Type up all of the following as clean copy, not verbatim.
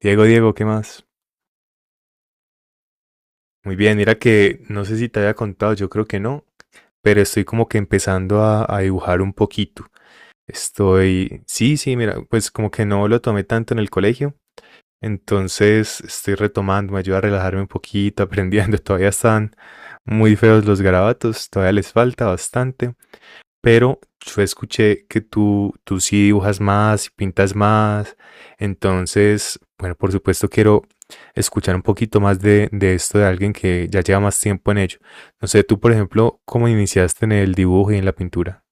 Diego, Diego, ¿qué más? Muy bien, mira que no sé si te había contado, yo creo que no, pero estoy como que empezando a dibujar un poquito. Estoy, sí, sí, mira, pues como que no lo tomé tanto en el colegio, entonces estoy retomando, me ayuda a relajarme un poquito, aprendiendo. Todavía están muy feos los garabatos, todavía les falta bastante, pero yo escuché que tú sí dibujas más y pintas más. Entonces, bueno, por supuesto quiero escuchar un poquito más de esto de alguien que ya lleva más tiempo en ello. No sé, tú, por ejemplo, ¿cómo iniciaste en el dibujo y en la pintura?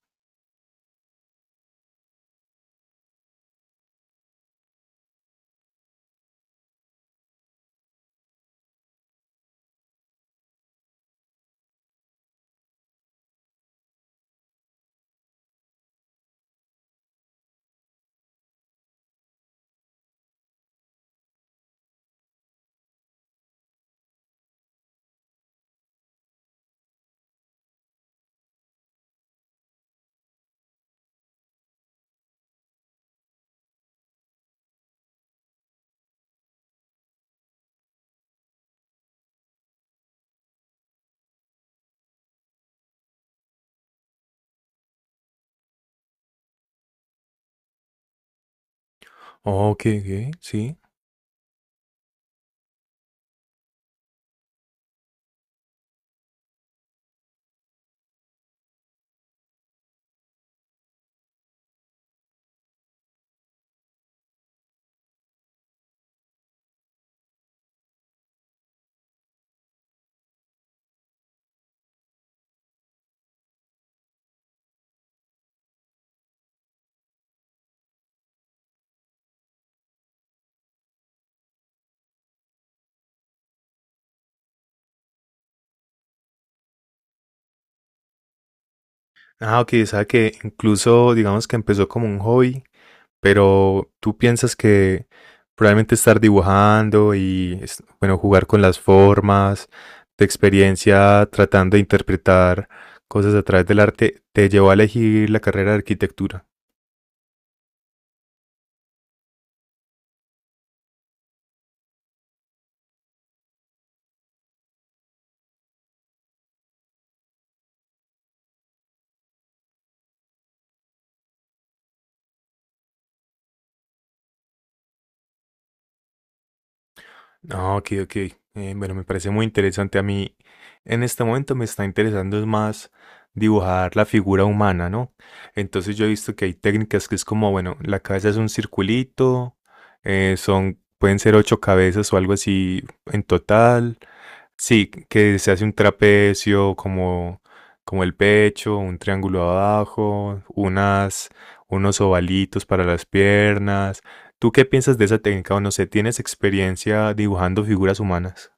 Oh, ok, ok, sí. Ah, ok, o sea que incluso digamos que empezó como un hobby, pero tú piensas que probablemente estar dibujando y, bueno, jugar con las formas, tu experiencia tratando de interpretar cosas a través del arte, te llevó a elegir la carrera de arquitectura. Ah, ok, ok. Bueno, me parece muy interesante. A mí en este momento me está interesando es más dibujar la figura humana, ¿no? Entonces yo he visto que hay técnicas que es como, bueno, la cabeza es un circulito, son, pueden ser ocho cabezas o algo así en total. Sí, que se hace un trapecio como, como el pecho, un triángulo abajo, unas, unos ovalitos para las piernas. ¿Tú qué piensas de esa técnica? O no sé, ¿tienes experiencia dibujando figuras humanas?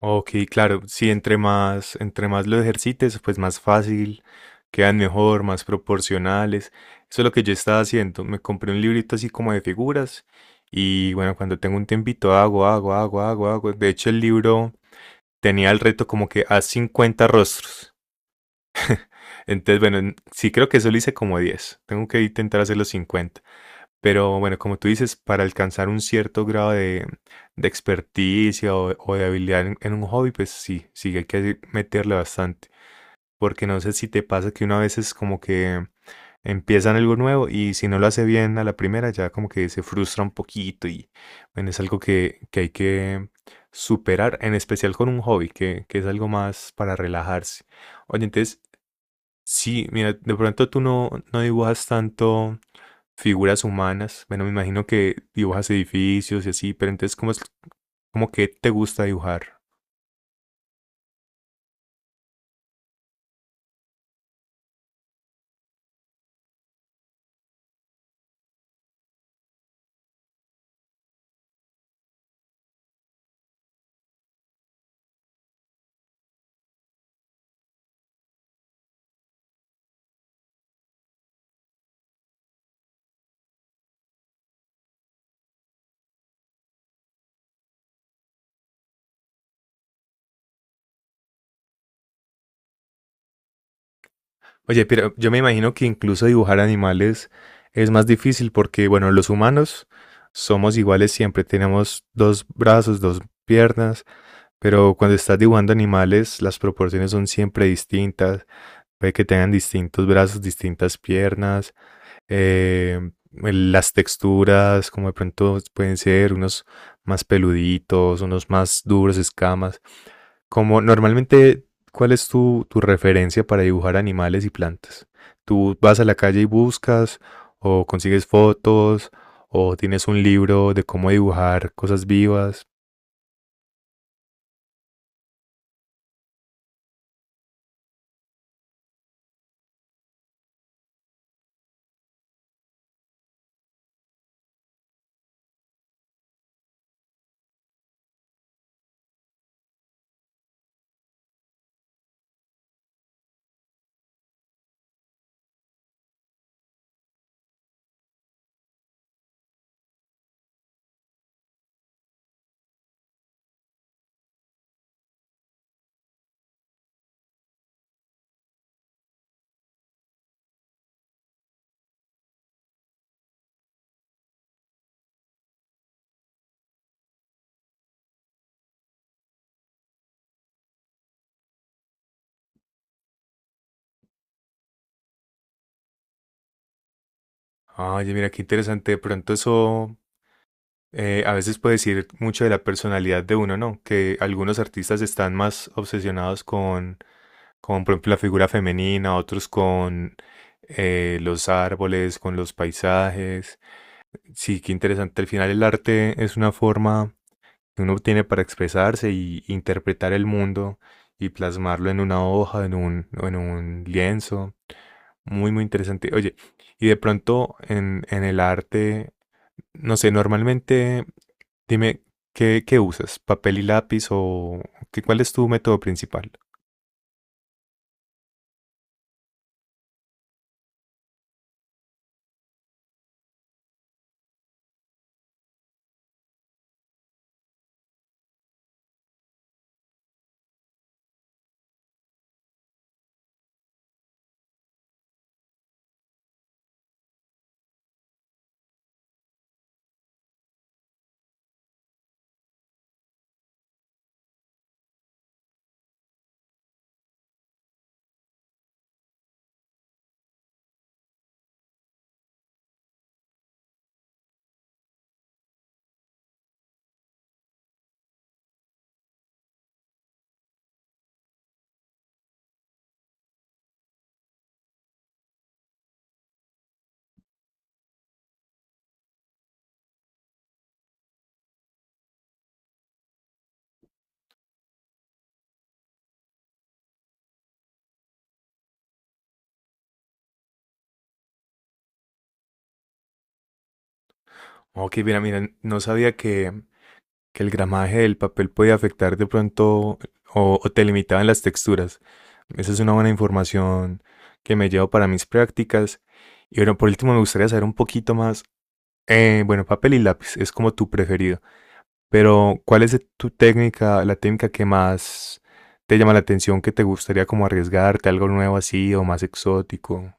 Ok, claro, sí, entre más lo ejercites, pues más fácil, quedan mejor, más proporcionales. Eso es lo que yo estaba haciendo. Me compré un librito así como de figuras y bueno, cuando tengo un tiempito hago. De hecho, el libro tenía el reto como que a 50 rostros. Entonces, bueno, sí creo que solo hice como 10. Tengo que intentar hacer los 50. Pero bueno, como tú dices, para alcanzar un cierto grado de experticia o de habilidad en un hobby, pues sí, sí hay que meterle bastante. Porque no sé si te pasa que una vez es como que empiezan algo nuevo y si no lo hace bien a la primera, ya como que se frustra un poquito y bueno, es algo que hay que superar, en especial con un hobby, que es algo más para relajarse. Oye, entonces, sí, mira, de pronto tú no, no dibujas tanto figuras humanas. Bueno, me imagino que dibujas edificios y así, pero entonces, ¿cómo es, cómo que te gusta dibujar? Oye, pero yo me imagino que incluso dibujar animales es más difícil porque, bueno, los humanos somos iguales siempre, tenemos dos brazos, dos piernas, pero cuando estás dibujando animales, las proporciones son siempre distintas. Puede que tengan distintos brazos, distintas piernas, eh, las texturas, como de pronto pueden ser unos más peluditos, unos más duros, escamas. Como normalmente, ¿cuál es tu referencia para dibujar animales y plantas? ¿Tú vas a la calle y buscas, o consigues fotos, o tienes un libro de cómo dibujar cosas vivas? Oye, mira, qué interesante. De pronto eso a veces puede decir mucho de la personalidad de uno, ¿no? Que algunos artistas están más obsesionados con por ejemplo, la figura femenina, otros con los árboles, con los paisajes. Sí, qué interesante. Al final el arte es una forma que uno tiene para expresarse y interpretar el mundo y plasmarlo en una hoja, en un, o en un lienzo. Muy, muy interesante. Oye, y de pronto en el arte, no sé, normalmente dime, ¿qué, qué usas? ¿Papel y lápiz o qué, cuál es tu método principal? Ok, mira, mira, no sabía que el gramaje del papel podía afectar de pronto o te limitaban las texturas. Esa es una buena información que me llevo para mis prácticas. Y bueno, por último me gustaría saber un poquito más. Bueno, papel y lápiz es como tu preferido, pero ¿cuál es tu técnica, la técnica que más te llama la atención, que te gustaría como arriesgarte, algo nuevo así o más exótico?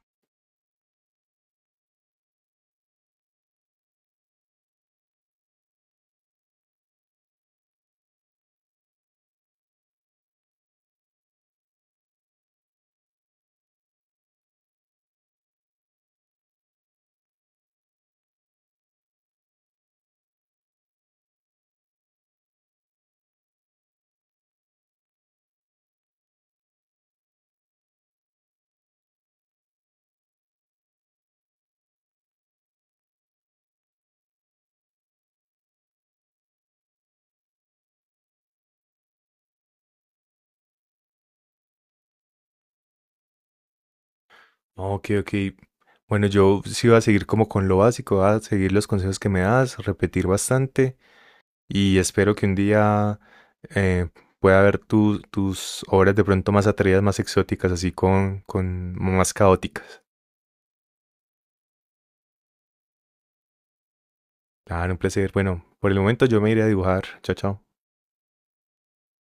Ok, ok. Bueno, yo sí voy a seguir como con lo básico, voy a seguir los consejos que me das, repetir bastante y espero que un día eh, pueda ver tus obras de pronto más atrevidas, más exóticas, así con más caóticas. Claro, un placer. Bueno, por el momento yo me iré a dibujar. Chao, chao.